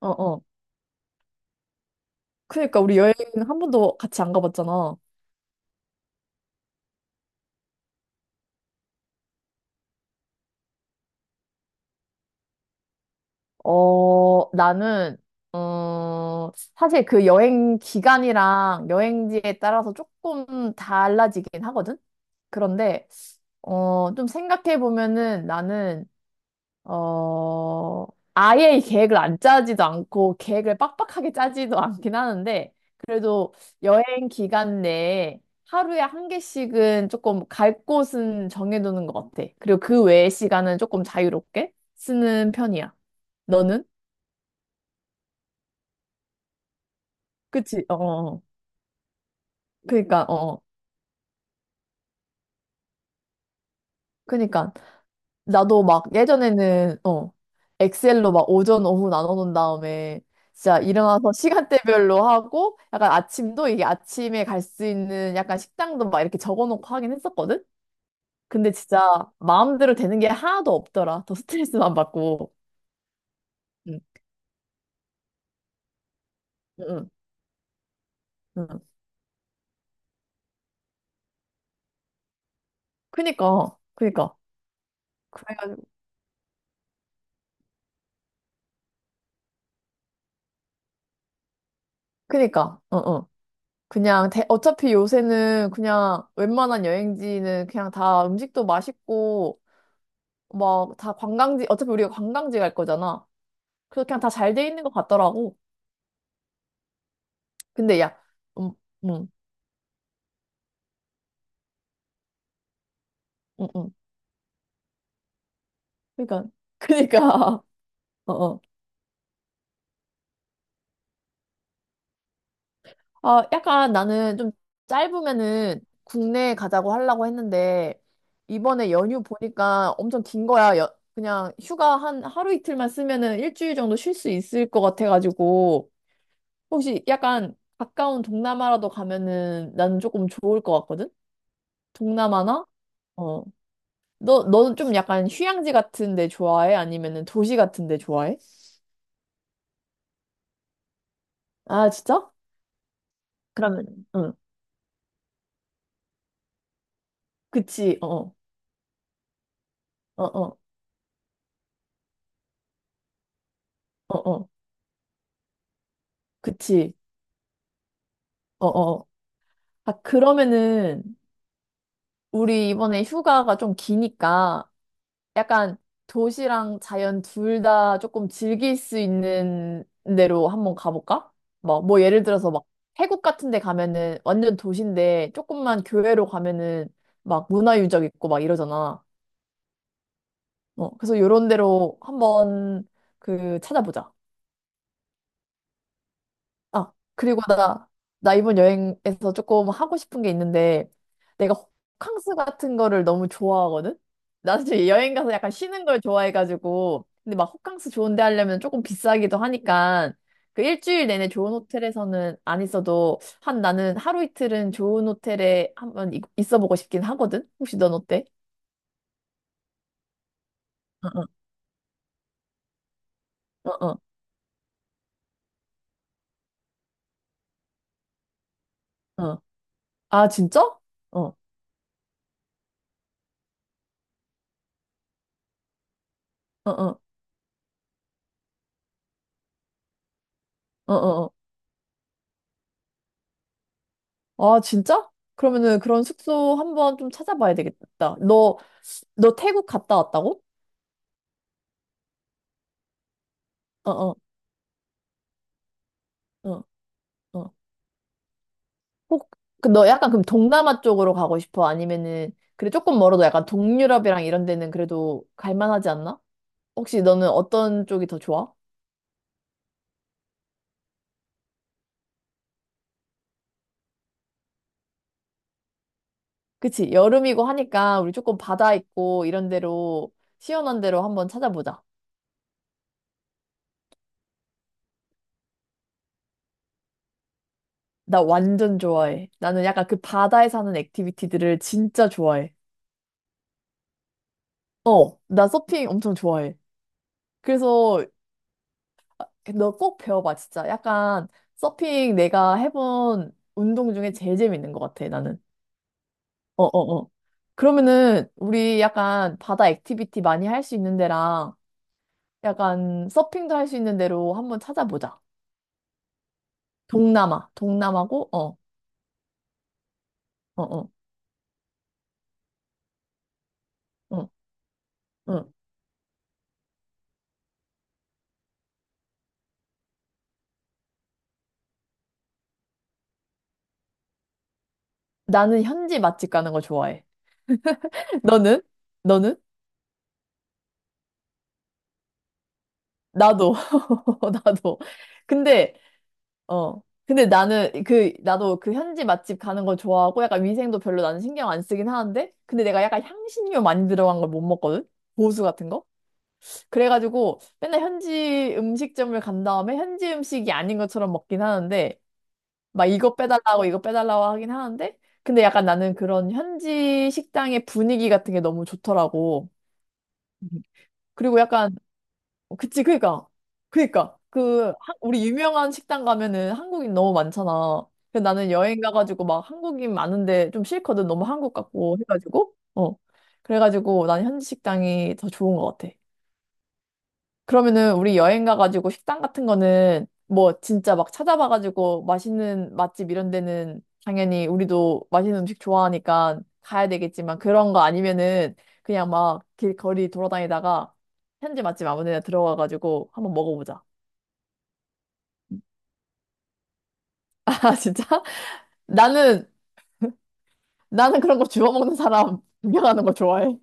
어, 어. 그러니까 우리 여행 한 번도 같이 안 가봤잖아. 어, 나는, 어, 사실 그 여행 기간이랑 여행지에 따라서 조금 달라지긴 하거든? 그런데, 좀 생각해 보면은 나는 어, 아예 이 계획을 안 짜지도 않고 계획을 빡빡하게 짜지도 않긴 하는데 그래도 여행 기간 내에 하루에 한 개씩은 조금 갈 곳은 정해두는 것 같아. 그리고 그 외의 시간은 조금 자유롭게 쓰는 편이야. 너는? 그치? 어, 어. 그니까, 어. 그니까. 나도 막 예전에는 엑셀로 막 오전 오후 나눠놓은 다음에 진짜 일어나서 시간대별로 하고 약간 아침도 이게 아침에 갈 수 있는 약간 식당도 막 이렇게 적어놓고 하긴 했었거든. 근데 진짜 마음대로 되는 게 하나도 없더라. 더 스트레스만 받고. 응, 응, 응. 응. 그니까, 그니까. 그래가지고, 그니까, 응, 응. 그냥 어차피 요새는 그냥 웬만한 여행지는 그냥 다 음식도 맛있고 막 다 관광지, 어차피 우리가 관광지 갈 거잖아. 그래서 그냥 다 잘 돼 있는 것 같더라고. 근데 야, 음, 음, 음, 음. 그니까, 그니까, 어, 어. 아, 약간 나는 좀 짧으면은 국내에 가자고 하려고 했는데, 이번에 연휴 보니까 엄청 긴 거야. 그냥 휴가 한 하루 이틀만 쓰면은 일주일 정도 쉴 수 있을 것 같아가지고, 혹시 약간 가까운 동남아라도 가면은 나는 조금 좋을 것 같거든? 동남아나? 어. 너, 너는 좀 약간 휴양지 같은 데 좋아해? 아니면은 도시 같은 데 좋아해? 아, 진짜? 그러면, 응. 그치, 어, 어, 어, 어, 어, 어. 그치, 어, 어. 아, 그러면은, 우리 이번에 휴가가 좀 기니까, 약간 도시랑 자연 둘 다 조금 즐길 수 있는 데로 한번 가볼까? 뭐, 뭐 예를 들어서 막, 태국 같은 데 가면은 완전 도시인데, 조금만 교외로 가면은 막 문화유적 있고 막 이러잖아. 그래서 요런 데로 한번 그 찾아보자. 아, 그리고 나, 이번 여행에서 조금 하고 싶은 게 있는데, 내가 호캉스 같은 거를 너무 좋아하거든? 나는 지금 여행 가서 약간 쉬는 걸 좋아해가지고, 근데 막 호캉스 좋은 데 하려면 조금 비싸기도 하니까, 그 일주일 내내 좋은 호텔에서는 안 있어도, 한 나는 하루 이틀은 좋은 호텔에 한번 있어 보고 싶긴 하거든? 혹시 넌 어때? 어, 어, 어, 어. 어. 아, 진짜? 어, 어, 어, 어, 어. 어. 아, 진짜? 그러면은 그런 숙소 한번 좀 찾아봐야 되겠다. 너 태국 갔다 왔다고? 어, 어, 어, 어. 혹, 그 너 약간 그럼 동남아 쪽으로 가고 싶어? 아니면은, 그래, 조금 멀어도 약간 동유럽이랑 이런 데는 그래도 갈만하지 않나? 혹시 너는 어떤 쪽이 더 좋아? 그치, 여름이고 하니까 우리 조금 바다 있고 이런 데로, 시원한 데로 한번 찾아보자. 나 완전 좋아해. 나는 약간 그 바다에 사는 액티비티들을 진짜 좋아해. 어, 나 서핑 엄청 좋아해. 그래서 그 너꼭 배워봐, 진짜. 약간 서핑 내가 해본 운동 중에 제일 재밌는 것 같아, 나는. 어, 어, 어. 그러면은 우리 약간 바다 액티비티 많이 할 수 있는 데랑 약간 서핑도 할 수 있는 데로 한번 찾아보자. 동남아, 동남아고, 어, 어, 어, 어, 어. 나는 현지 맛집 가는 거 좋아해. 너는? 너는? 나도, 나도. 근데 어. 근데 나는 그 나도 그 현지 맛집 가는 거 좋아하고 약간 위생도 별로 나는 신경 안 쓰긴 하는데 근데 내가 약간 향신료 많이 들어간 걸 못 먹거든. 고수 같은 거. 그래가지고 맨날 현지 음식점을 간 다음에 현지 음식이 아닌 것처럼 먹긴 하는데 막 이거 빼달라고 이거 빼달라고 하긴 하는데 근데 약간 나는 그런 현지 식당의 분위기 같은 게 너무 좋더라고. 그리고 약간 어, 그치, 그니까. 그니까. 그, 우리 유명한 식당 가면은 한국인 너무 많잖아. 그래서 나는 여행 가가지고 막 한국인 많은데 좀 싫거든. 너무 한국 같고 해가지고. 어. 그래가지고 난 현지 식당이 더 좋은 것 같아. 그러면은 우리 여행 가가지고 식당 같은 거는 뭐 진짜 막 찾아봐가지고 맛있는 맛집 이런 데는 당연히 우리도 맛있는 음식 좋아하니까 가야 되겠지만 그런 거 아니면은 그냥 막 길거리 돌아다니다가 현지 맛집 아무 데나 들어가가지고 한번 먹어보자. 아, 진짜? 나는, 나는, 그런 거 주워 먹는 사람 구경하는 거 좋아해.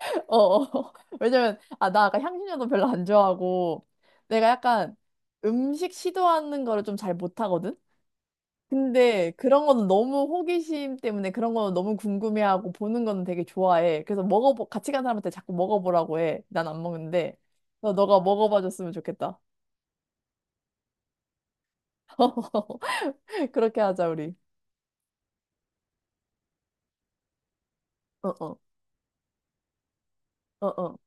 어, 어. 왜냐면, 아, 나 아까 향신료도 별로 안 좋아하고 내가 약간 음식 시도하는 거를 좀 잘 못하거든? 근데 그런 거는 너무 호기심 때문에 그런 거는 너무 궁금해하고 보는 거는 되게 좋아해. 그래서 같이 간 사람한테 자꾸 먹어보라고 해. 난 안 먹는데. 너가 먹어봐 줬으면 좋겠다. 그렇게 하자, 우리. 어, 어, 어, 어,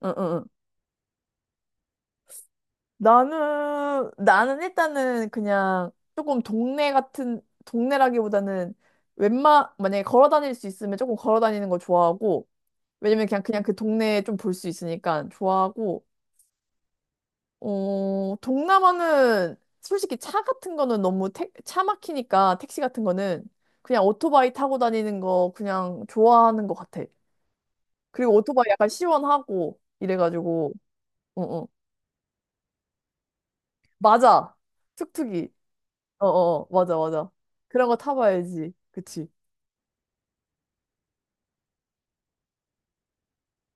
어, 어. 어. 나는 일단은 그냥 조금 동네 같은, 동네라기보다는 웬만, 만약에 걸어 다닐 수 있으면 조금 걸어 다니는 거 좋아하고, 왜냐면 그냥, 그냥 그 동네에 좀 볼 수 있으니까 좋아하고, 어, 동남아는 솔직히 차 같은 거는 너무 차 막히니까 택시 같은 거는 그냥 오토바이 타고 다니는 거 그냥 좋아하는 것 같아. 그리고 오토바이 약간 시원하고 이래가지고, 어, 어. 맞아. 툭툭이. 어, 어, 어. 맞아, 맞아. 그런 거 타봐야지. 그치.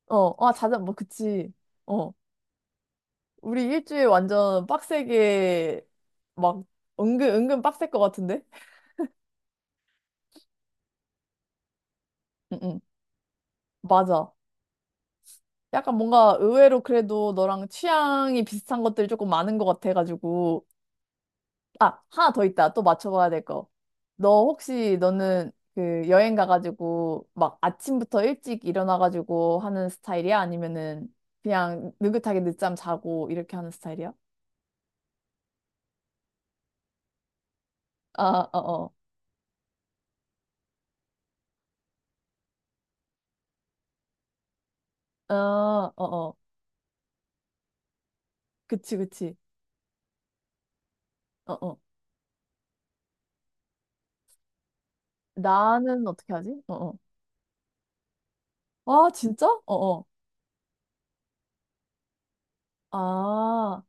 어, 아, 뭐, 그치. 어. 우리 일주일 완전 빡세게 막 은근, 은근 빡셀 것 같은데? 응, 응. 맞아. 약간 뭔가 의외로 그래도 너랑 취향이 비슷한 것들이 조금 많은 것 같아가지고. 아, 하나 더 있다. 또 맞춰봐야 될 거. 너 혹시 너는 그 여행 가가지고 막 아침부터 일찍 일어나가지고 하는 스타일이야? 아니면은 그냥 느긋하게 늦잠 자고 이렇게 하는 스타일이야? 아, 어, 어. 아, 어, 어. 그치, 그치. 어, 어. 나는 어떻게 하지? 어, 어. 아, 진짜? 어, 어. 아.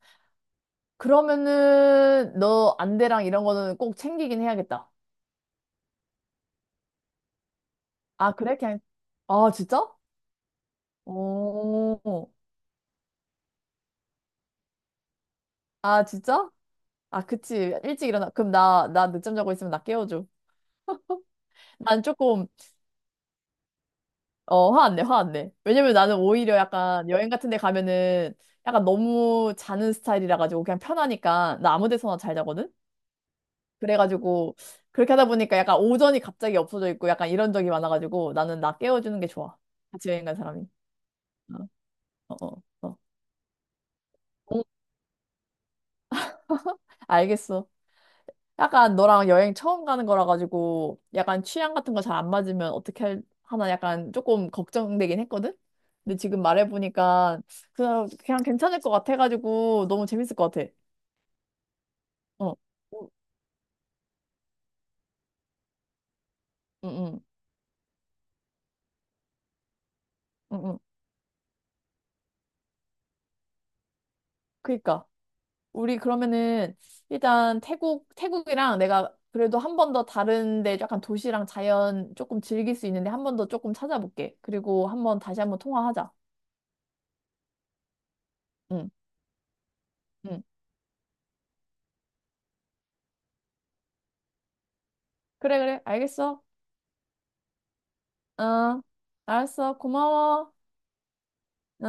그러면은 너 안대랑 이런 거는 꼭 챙기긴 해야겠다. 아, 그래? 그냥 아, 진짜? 오. 아, 진짜? 아, 그치. 일찍 일어나. 그럼 나, 나 늦잠 자고 있으면 나 깨워줘. 난 조금, 어, 화 안 내, 화 안 내. 왜냐면 나는 오히려 약간 여행 같은 데 가면은 약간 너무 자는 스타일이라 가지고 그냥 편하니까 나 아무 데서나 잘 자거든? 그래가지고 그렇게 하다 보니까 약간 오전이 갑자기 없어져 있고 약간 이런 적이 많아가지고 나는 나 깨워주는 게 좋아. 같이 여행 간 사람이. 어, 어, 어. 응, 알겠어. 약간 너랑 여행 처음 가는 거라 가지고 약간 취향 같은 거 잘 안 맞으면 어떻게 하나 약간 조금 걱정되긴 했거든? 근데 지금 말해보니까 그냥, 그냥 괜찮을 것 같아가지고 너무 재밌을 것 같아. 어. 우- 응, 응, 응, 응. 그니까. 우리 그러면은 일단 태국, 태국이랑 내가 그래도 한 번 더 다른데 약간 도시랑 자연 조금 즐길 수 있는데 한 번 더 조금 찾아볼게. 그리고 한번 다시 한번 통화하자. 응, 응. 그래, 그래. 알겠어. 어, 알았어. 고마워. 어.